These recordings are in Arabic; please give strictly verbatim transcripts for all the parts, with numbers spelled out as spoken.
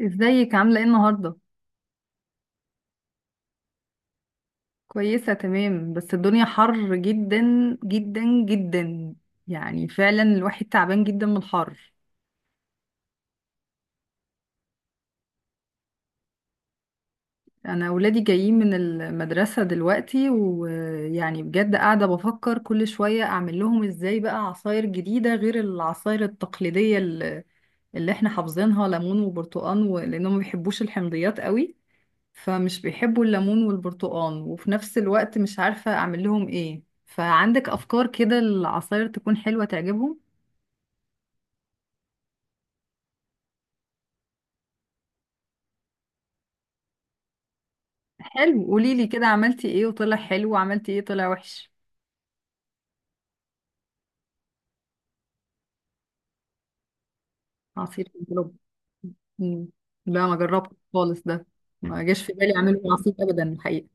ازيك عاملة ايه النهاردة؟ كويسة تمام، بس الدنيا حر جدا جدا جدا. يعني فعلا الواحد تعبان جدا من الحر. انا اولادي جايين من المدرسة دلوقتي، ويعني بجد قاعدة بفكر كل شوية اعمل لهم ازاي بقى عصاير جديدة غير العصاير التقليدية اللي اللي احنا حافظينها، ليمون وبرتقال و- لانهم ما بيحبوش الحمضيات قوي. فمش بيحبوا الليمون والبرتقال، وفي نفس الوقت مش عارفة أعمل لهم إيه، فعندك أفكار كده العصاير تكون حلوة تعجبهم؟ حلو، قوليلي كده عملتي إيه وطلع حلو، وعملتي إيه طلع وحش. عصير الجلوب. مم. لا، ما جربت خالص ده. ما جاش في بالي أعمله عصير أبدا الحقيقة.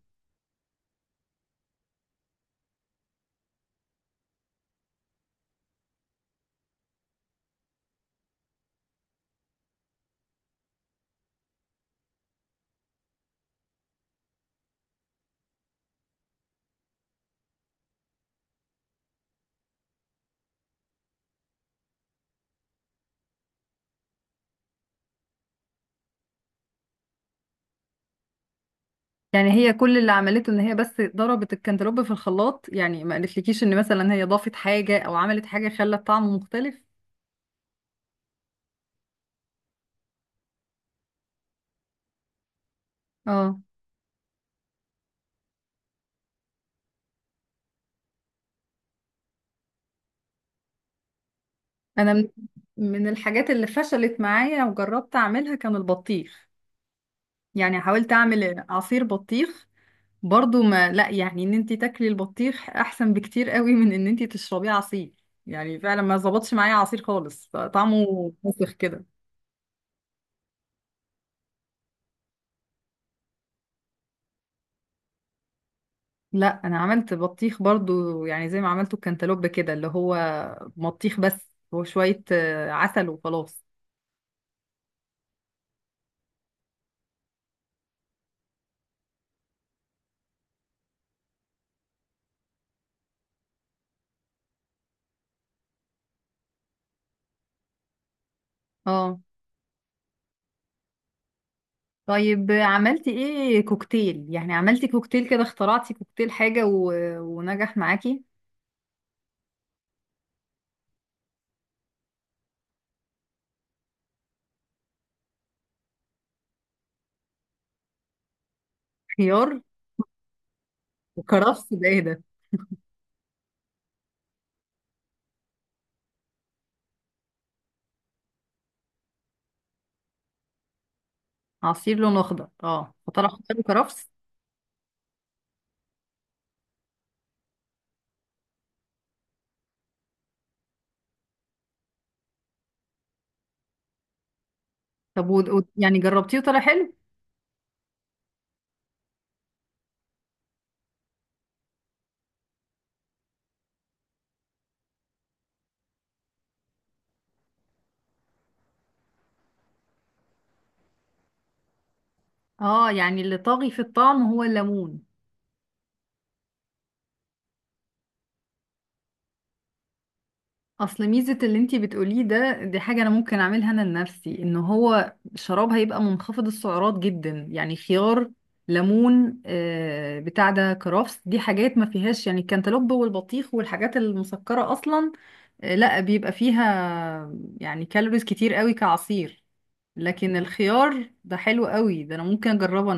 يعني هي كل اللي عملته إن هي بس ضربت الكنتالوب في الخلاط، يعني ما قالتلكيش إن مثلا هي ضافت حاجة أو عملت حاجة خلت طعمه مختلف؟ اه، أنا من من الحاجات اللي فشلت معايا وجربت اعملها كان البطيخ. يعني حاولت اعمل عصير بطيخ، برضو ما لا يعني ان انتي تاكلي البطيخ احسن بكتير قوي من ان انتي تشربيه عصير. يعني فعلا ما ظبطش معايا عصير خالص، طعمه مسخ كده. لا، انا عملت بطيخ برضو، يعني زي ما عملته الكنتالوب كده، اللي هو بطيخ بس وشوية آه، عسل وخلاص. اه. طيب، عملتي ايه كوكتيل؟ يعني عملتي كوكتيل كده، اخترعتي كوكتيل حاجة و... ونجح معاكي؟ خيار وكرفس، ده ايه ده؟ عصير لونه اخضر، اه، فطلع خيار وكرفس. طب و... و... يعني جربتيه وطلع حلو؟ اه، يعني اللي طاغي في الطعم هو الليمون. اصل ميزة اللي انتي بتقوليه ده، دي حاجة انا ممكن اعملها انا لنفسي، ان هو شراب هيبقى منخفض السعرات جدا، يعني خيار، ليمون، آه، بتاع ده، كرفس، دي حاجات ما فيهاش يعني الكنتالوب والبطيخ والحاجات المسكرة اصلا، آه، لا بيبقى فيها يعني كالوريز كتير قوي كعصير. لكن الخيار ده حلو قوي، ده انا ممكن اجربه.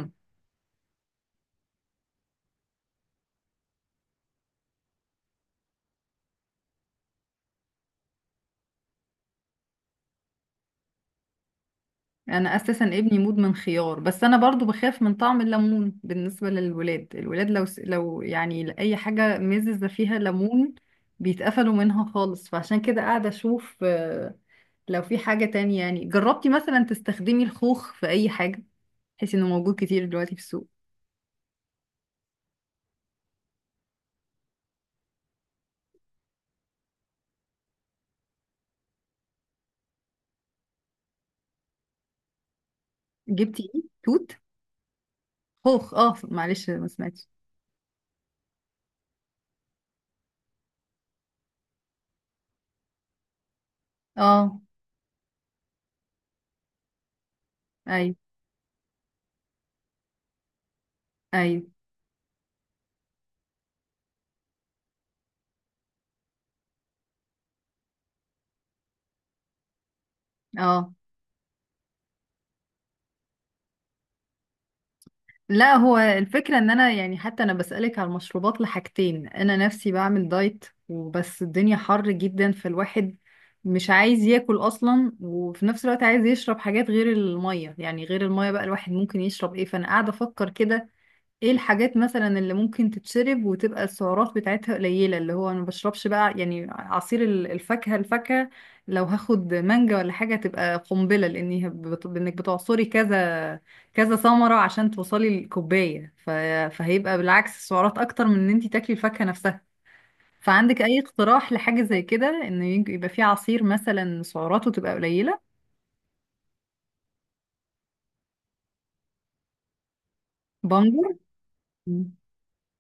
انا اساسا ابني مدمن خيار، بس انا برضو بخاف من طعم الليمون بالنسبه للولاد، الولاد لو س- لو يعني اي حاجه مززه فيها ليمون بيتقفلوا منها خالص، فعشان كده قاعده اشوف آه، لو في حاجه تانية، يعني جربتي مثلا تستخدمي الخوخ في اي حاجه، بحيث انه موجود كتير دلوقتي في السوق؟ جبتي ايه؟ توت؟ خوخ. اه معلش، ما سمعتش. اه. ايوه، ايوه، اه. لا، هو الفكرة ان انا، يعني حتى انا بسألك على المشروبات لحاجتين، انا نفسي بعمل دايت، وبس الدنيا حر جدا فالواحد مش عايز ياكل اصلا، وفي نفس الوقت عايز يشرب حاجات غير المية، يعني غير المية بقى الواحد ممكن يشرب ايه، فانا قاعدة افكر كده ايه الحاجات مثلا اللي ممكن تتشرب وتبقى السعرات بتاعتها قليلة، اللي هو انا ما بشربش بقى يعني عصير ال- الفاكهة الفاكهة لو هاخد مانجا ولا حاجة تبقى قنبلة، لاني هب- بت- انك بتعصري كذا كذا ثمرة عشان توصلي للكوباية، ف... فهيبقى بالعكس السعرات اكتر من ان انت تاكلي الفاكهة نفسها، فعندك اي اقتراح لحاجة زي كده، ان يج- يبقى في عصير مثلا سعراته تبقى قليلة؟ بامبو.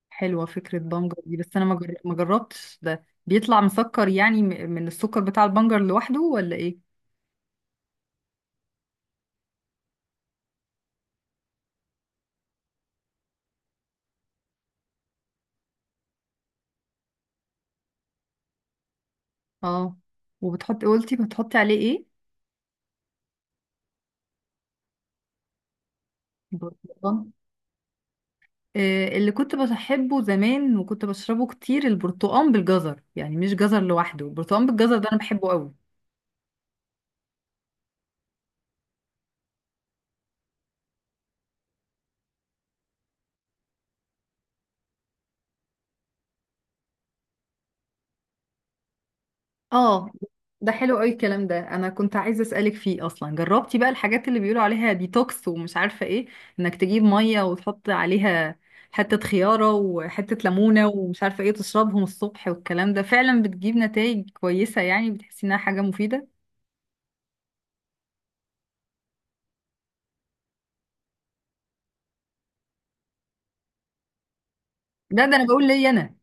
حلوة فكرة بنجر دي، بس أنا ما جر- ما جربتش، ده بيطلع مسكر يعني، م- من السكر بتاع البنجر لوحده، ولا إيه؟ اه. وبتحطي قلتي بتحطي عليه إيه؟ برتقال، آه، اللي كنت بحبه زمان وكنت بشربه كتير، البرتقال بالجزر، يعني مش جزر لوحده، البرتقال بالجزر ده أنا بحبه قوي. اه. ده حلو قوي الكلام ده، انا كنت عايزه اسالك فيه اصلا، جربتي بقى الحاجات اللي بيقولوا عليها ديتوكس ومش عارفه ايه، انك تجيب ميه وتحط عليها حته خياره وحته ليمونه ومش عارفه ايه، تشربهم الصبح، والكلام ده فعلا بتجيب نتائج كويسه، يعني بتحسي انها حاجه مفيده؟ ده ده انا بقول ليا انا.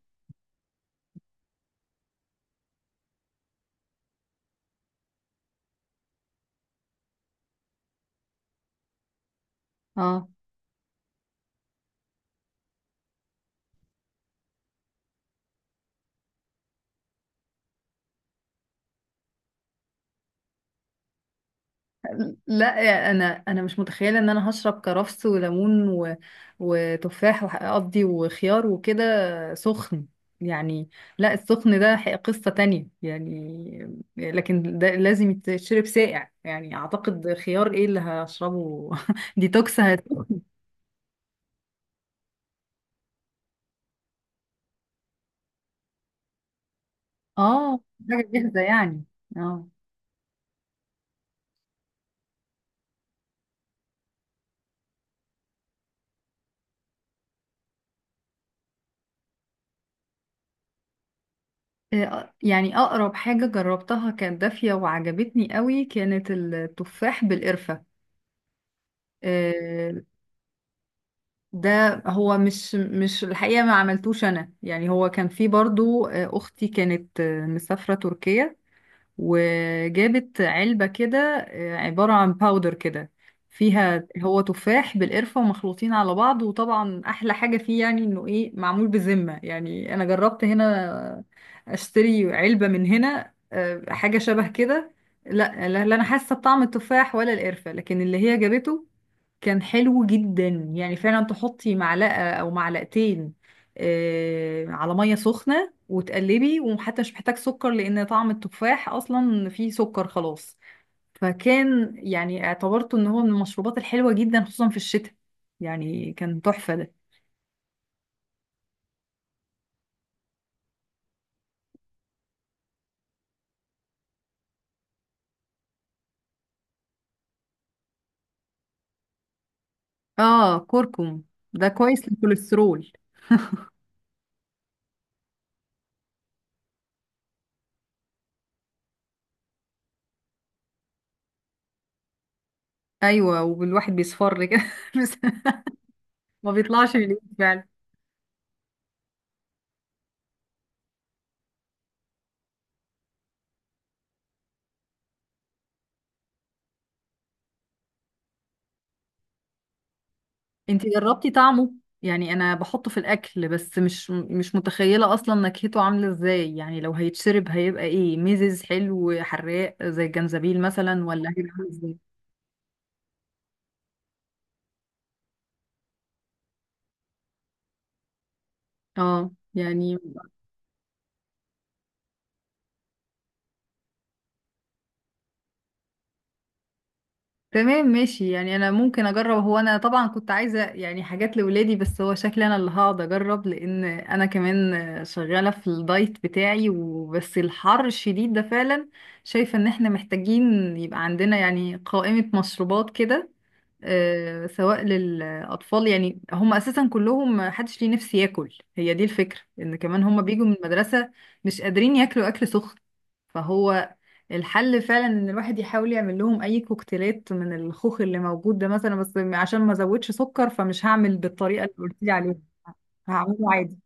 اه. لا يا- انا انا مش متخيله ان انا هشرب كرفس وليمون و... وتفاح وقضي وخيار وكده سخن يعني. لا، السخن ده حق- قصه تانية يعني، لكن ده لازم يتشرب ساقع يعني، اعتقد خيار ايه اللي هشربه ديتوكس هت... اه، حاجه جاهزه يعني؟ اه. إيه، يعني اقرب حاجه جربتها كانت دافيه وعجبتني قوي، كانت التفاح بالقرفه. إيه، ده هو مش مش الحقيقة، ما عملتوش أنا يعني، هو كان في برضو آه، أختي كانت آه، مسافرة تركيا، وجابت علبة كده آه، عبارة عن باودر كده، فيها هو تفاح بالقرفة ومخلوطين على بعض، وطبعا أحلى حاجة فيه يعني إنه إيه معمول بذمة، يعني أنا جربت هنا أشتري علبة من هنا آه، حاجة شبه كده، لا لا لا، أنا حاسة بطعم التفاح ولا القرفة، لكن اللي هي جابته كان حلو جدا، يعني فعلا تحطي معلقة أو معلقتين آه، على مية سخنة وتقلبي، وحتى مش محتاج سكر لأن طعم التفاح أصلا فيه سكر خلاص، فكان يعني اعتبرته إن هو من المشروبات الحلوة جدا خصوصا في الشتاء، يعني كان تحفة ده. آه، كركم، ده كويس للكوليسترول. أيوة، والواحد بيصفر كده بس ما بيطلعش من الإيد فعلا. انتي جربتي طعمه؟ يعني انا بحطه في الاكل بس مش مش متخيله اصلا نكهته عامله ازاي، يعني لو هيتشرب هيبقى ايه، ميزز حلو حراق زي الجنزبيل مثلا، ولا هيبقى عامل ازاي؟ اه يعني. تمام ماشي، يعني انا ممكن اجرب، هو انا طبعا كنت عايزه يعني حاجات لولادي، بس هو شكلي انا اللي هقعد اجرب، لان انا كمان شغاله في الدايت بتاعي، وبس الحر الشديد ده فعلا شايفه ان احنا محتاجين يبقى عندنا يعني قائمه مشروبات كده، آه، سواء للأطفال، يعني هم أساسا كلهم محدش ليه نفس ياكل، هي دي الفكرة، إن كمان هم بيجوا من المدرسة مش قادرين ياكلوا أكل سخن، فهو الحل فعلا إن الواحد يحاول يعمل لهم أي كوكتيلات من الخوخ اللي موجود ده مثلا، بس عشان ما أزودش سكر فمش هعمل بالطريقة اللي قلت لي عليها، هعمله عادي.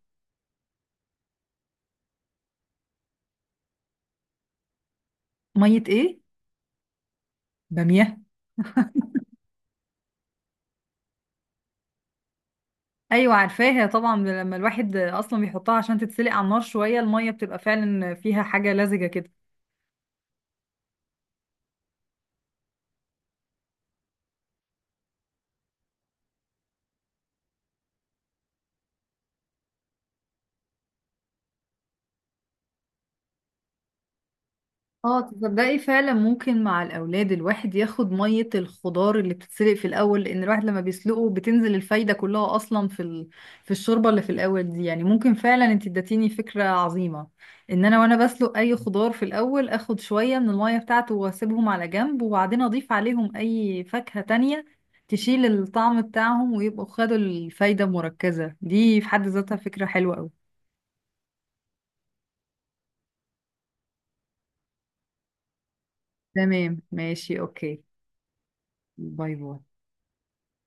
مية إيه؟ بامية. ايوه، عارفاها طبعا، لما الواحد اصلا بيحطها عشان تتسلق على النار شويه الميه بتبقى فعلا فيها حاجه لزجه كده. اه، تصدقي فعلا ممكن مع الاولاد الواحد ياخد ميه الخضار اللي بتتسلق في الاول، لان الواحد لما بيسلقه بتنزل الفايده كلها اصلا في ال... في الشوربه اللي في الاول دي، يعني ممكن فعلا، انت اديتيني فكره عظيمه، ان انا وانا بسلق اي خضار في الاول اخد شويه من الميه بتاعته واسيبهم على جنب، وبعدين اضيف عليهم اي فاكهه تانية تشيل الطعم بتاعهم ويبقوا خدوا الفايده المركزه دي، في حد ذاتها فكره حلوه قوي. تمام ماشي، اوكي. باي باي.